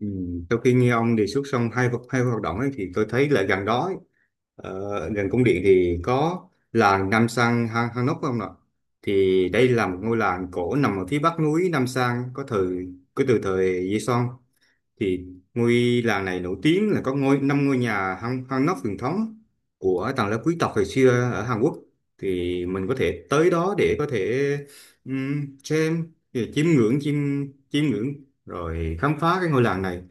Ừ. Sau khi nghe ông đề xuất xong hai hoạt động ấy, thì tôi thấy là gần đó ấy, gần cung điện thì có làng Nam Sang Han Hanok không ạ? Thì đây là một ngôi làng cổ nằm ở phía bắc núi Nam Sang có từ thời Joseon. Thì ngôi làng này nổi tiếng là có ngôi năm ngôi nhà Han Hanok truyền thống của tầng lớp quý tộc hồi xưa ở Hàn Quốc. Thì mình có thể tới đó để có thể xem chiêm ngưỡng rồi khám phá cái ngôi làng này,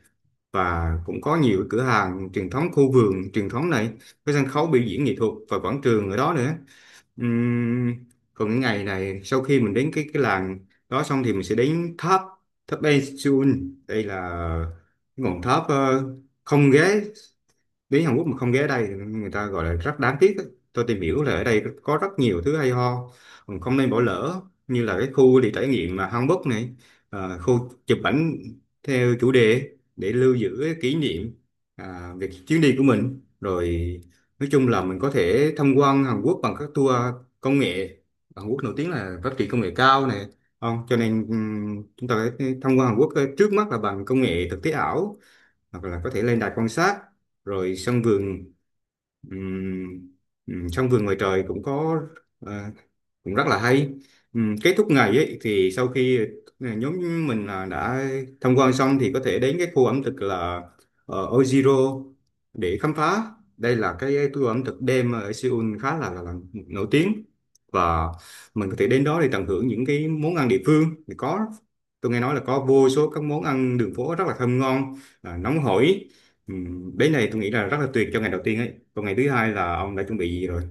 và cũng có nhiều cửa hàng truyền thống, khu vườn truyền thống này, cái sân khấu biểu diễn nghệ thuật và quảng trường ở đó nữa. Ừm, Còn cái ngày này, sau khi mình đến cái làng đó xong thì mình sẽ đến tháp tháp Eiffel. Đây là cái ngọn tháp, không ghế đến Hàn Quốc mà không ghé ở đây thì người ta gọi là rất đáng tiếc ấy. Tôi tìm hiểu là ở đây có rất nhiều thứ hay ho mình không nên bỏ lỡ, như là cái khu đi trải nghiệm mà hanbok này, à, khu chụp ảnh theo chủ đề để lưu giữ cái kỷ niệm, à, về chuyến đi của mình. Rồi nói chung là mình có thể tham quan Hàn Quốc bằng các tour công nghệ. Hàn Quốc nổi tiếng là phát triển công nghệ cao này, không, cho nên chúng ta phải tham quan Hàn Quốc, trước mắt là bằng công nghệ thực tế ảo, hoặc là có thể lên đài quan sát rồi sân vườn. ừm, Sân vườn ngoài trời cũng có, ờ, cũng rất là hay. Kết thúc ngày ấy, thì sau khi nhóm mình là đã tham quan xong thì có thể đến cái khu ẩm thực là, Ojiro, để khám phá. Đây là cái tour ẩm thực đêm ở Seoul khá là nổi tiếng, và mình có thể đến đó để tận hưởng những cái món ăn địa phương. Thì có, tôi nghe nói là có vô số các món ăn đường phố rất là thơm ngon, à, nóng hổi. ừ, Đến này tôi nghĩ là rất là tuyệt cho ngày đầu tiên ấy. Còn ngày thứ hai là ông đã chuẩn bị gì rồi?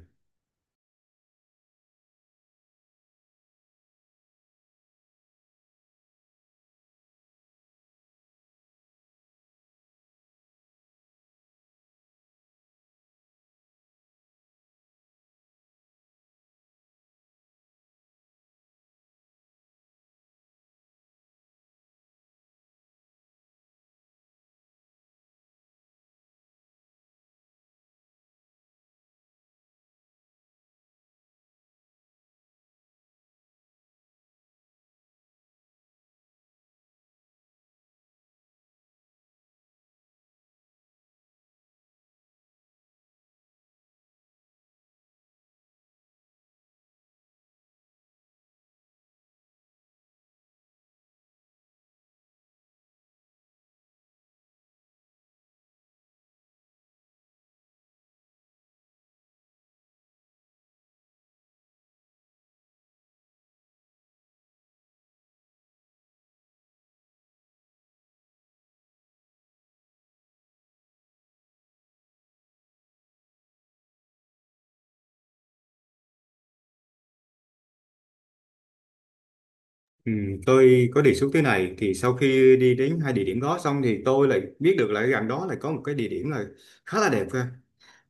Ừ, tôi có đề xuất thế này. Thì sau khi đi đến hai địa điểm đó xong thì tôi lại biết được là gần đó lại có một cái địa điểm là khá là đẹp ha.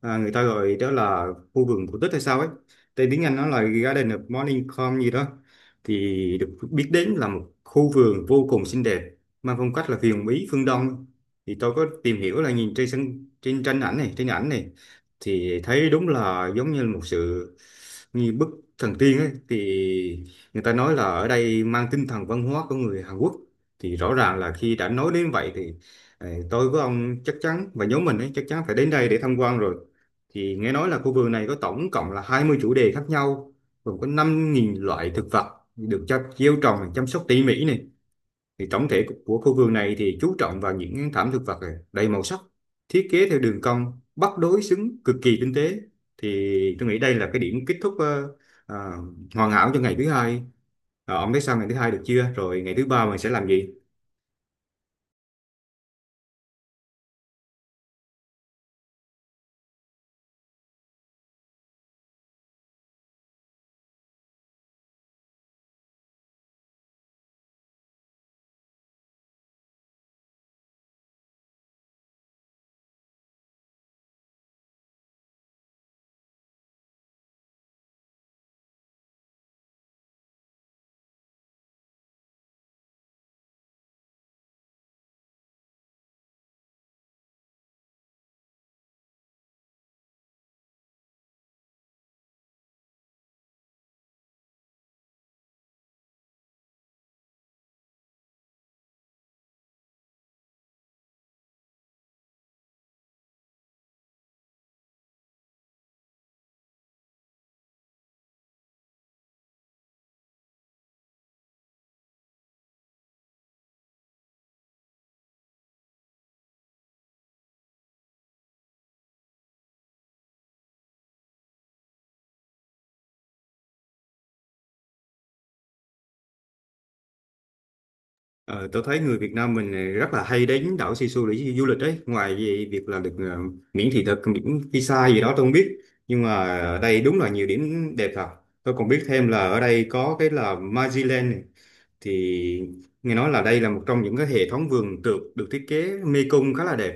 À, người ta gọi đó là khu vườn cổ tích hay sao ấy, tên tiếng Anh nó là Garden of Morning Calm gì đó. Thì được biết đến là một khu vườn vô cùng xinh đẹp, mang phong cách là huyền bí phương Đông. Thì tôi có tìm hiểu là nhìn trên tranh ảnh này, trên ảnh này, thì thấy đúng là giống như là một sự như bức thần tiên ấy. Thì người ta nói là ở đây mang tinh thần văn hóa của người Hàn Quốc. Thì rõ ràng là khi đã nói đến vậy thì, tôi với ông chắc chắn, và nhóm mình ấy chắc chắn phải đến đây để tham quan rồi. Thì nghe nói là khu vườn này có tổng cộng là 20 chủ đề khác nhau, gồm có 5.000 loại thực vật được cho gieo trồng chăm sóc tỉ mỉ này. Thì tổng thể của khu vườn này thì chú trọng vào những thảm thực vật này, đầy màu sắc, thiết kế theo đường cong, bắt đối xứng cực kỳ tinh tế. Thì tôi nghĩ đây là cái điểm kết thúc, ờ, hoàn hảo cho ngày thứ hai. Ờ, ông thấy sao, ngày thứ hai được chưa? Rồi ngày thứ ba mình sẽ làm gì? Ờ, tôi thấy người Việt Nam mình này rất là hay đến đảo Sisu để du lịch đấy. Ngoài vì việc là được, miễn thị thực, miễn visa gì đó tôi không biết. Nhưng mà ở đây đúng là nhiều điểm đẹp thật. Tôi còn biết thêm là ở đây có cái là Magiland này. Thì nghe nói là đây là một trong những cái hệ thống vườn tược được thiết kế mê cung khá là đẹp,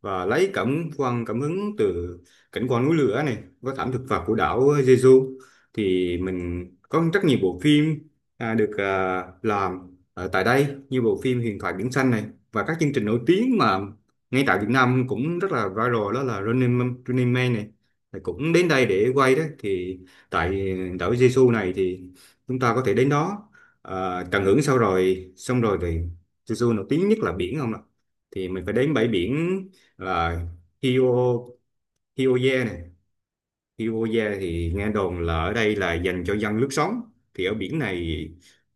và lấy cảm hứng từ cảnh quan núi lửa này với thảm thực vật của đảo Jeju. Thì mình có rất nhiều bộ phim, à, được, à, làm ở tại đây như bộ phim Huyền thoại biển xanh này. Và các chương trình nổi tiếng mà ngay tại Việt Nam cũng rất là viral đó là Running Man, Running Man này. Thì cũng đến đây để quay đó. Thì tại đảo Jeju này thì chúng ta có thể đến đó, à, Trần Hưởng sau, rồi xong rồi thì, Su Su nổi tiếng nhất là biển không ạ, thì mình phải đến bãi biển là, Hio Hioye này, Iwoya. Thì nghe đồn là ở đây là dành cho dân lướt sóng. Thì ở biển này,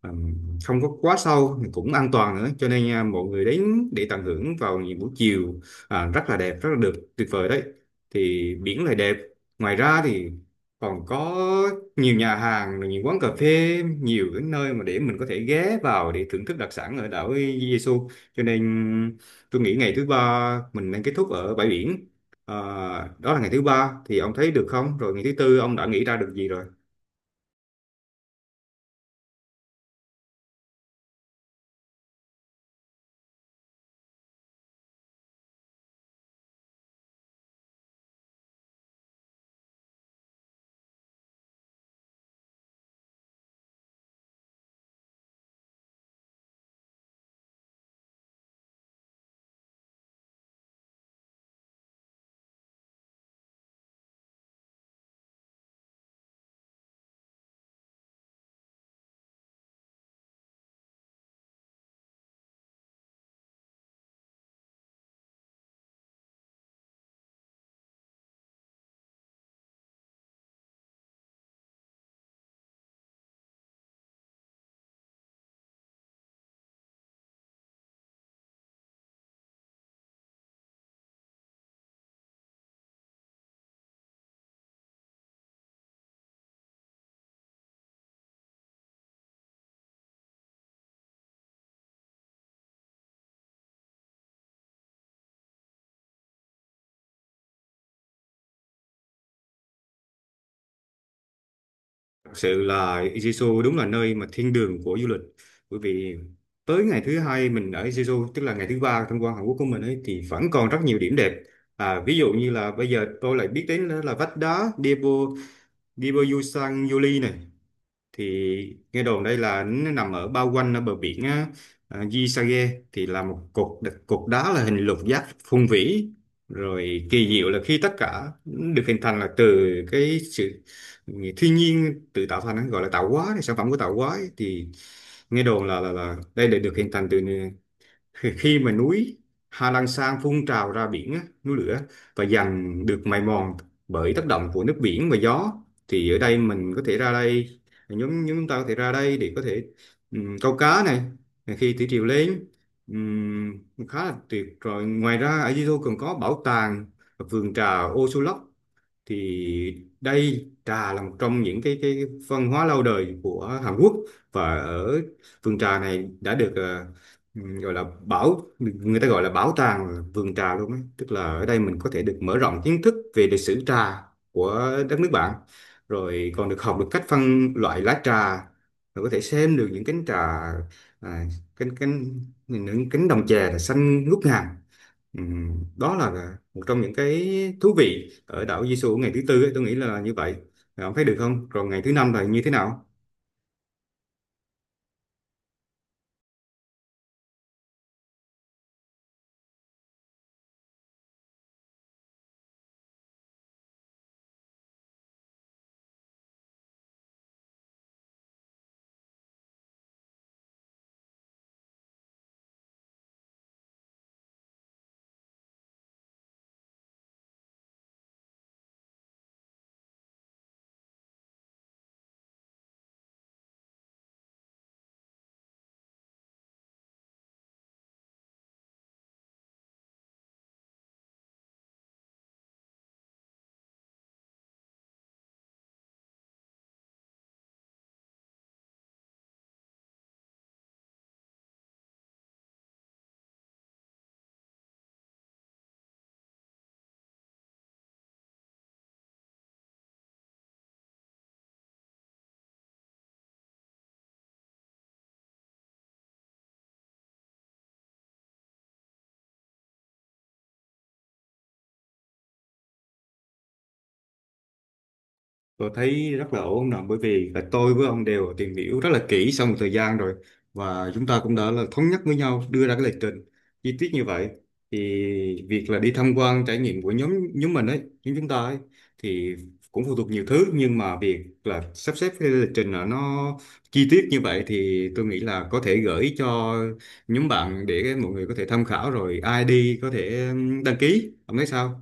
ừm, không có quá sâu mà cũng an toàn nữa, cho nên à, mọi người đến để tận hưởng vào những buổi chiều, à, rất là đẹp, rất là được, tuyệt vời đấy, thì biển lại đẹp. Ngoài ra thì còn có nhiều nhà hàng rồi những quán cà phê, nhiều cái nơi mà để mình có thể ghé vào để thưởng thức đặc sản ở đảo Jesu. Cho nên tôi nghĩ ngày thứ ba mình nên kết thúc ở bãi biển. Ờ, đó là ngày thứ ba, thì ông thấy được không? Rồi ngày thứ tư ông đã nghĩ ra được gì rồi? Thật sự là Jeju đúng là nơi mà thiên đường của du lịch. Bởi vì tới ngày thứ hai mình ở Jeju, tức là ngày thứ ba tham quan Hàn Quốc của mình ấy, thì vẫn còn rất nhiều điểm đẹp. À, ví dụ như là bây giờ tôi lại biết đến là vách đá Daebu Daebu Yusan Yuli này. Thì nghe đồn đây là nó nằm ở bao quanh ở bờ biển á, à, Gisage thì là một cột đá là hình lục giác phong vĩ. Rồi kỳ diệu là khi tất cả được hình thành là từ cái sự thiên nhiên tự tạo thành, gọi là tạo hóa, sản phẩm của tạo hóa ấy. Thì nghe đồn là đây là được hình thành từ khi khi mà núi Hà Lan Sang phun trào ra biển á, núi lửa, và dần được mài mòn bởi tác động của nước biển và gió. Thì ở đây mình có thể ra đây, nhóm nhóm chúng ta có thể ra đây để có thể, câu cá này, khi thủy triều lên. Khá là tuyệt. Rồi ngoài ra ở Di còn có bảo tàng vườn trà ô số. Thì đây trà là một trong những cái văn hóa lâu đời của Hàn Quốc. Và ở vườn trà này đã được, gọi là bảo người ta gọi là bảo tàng vườn trà luôn ấy. Tức là ở đây mình có thể được mở rộng kiến thức về lịch sử trà của đất nước bạn, rồi còn được học được cách phân loại lá trà, rồi có thể xem được những cánh trà, à, cánh cánh những cánh đồng chè là xanh ngút ngàn. Đó là một trong những cái thú vị ở đảo Jesu ngày thứ tư ấy, tôi nghĩ là như vậy. Bạn thấy được không? Còn ngày thứ năm là như thế nào? Tôi thấy rất là ổn nè, bởi vì là tôi với ông đều tìm hiểu rất là kỹ sau một thời gian rồi, và chúng ta cũng đã là thống nhất với nhau đưa ra cái lịch trình chi tiết như vậy. Thì việc là đi tham quan trải nghiệm của nhóm nhóm mình ấy, nhóm chúng ta ấy, thì cũng phụ thuộc nhiều thứ, nhưng mà việc là sắp xếp cái lịch trình là nó chi tiết như vậy thì tôi nghĩ là có thể gửi cho nhóm bạn để mọi người có thể tham khảo, rồi ai đi có thể đăng ký. Ông thấy sao?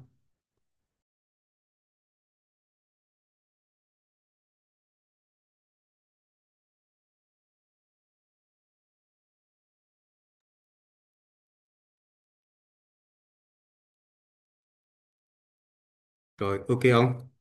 Rồi ok không?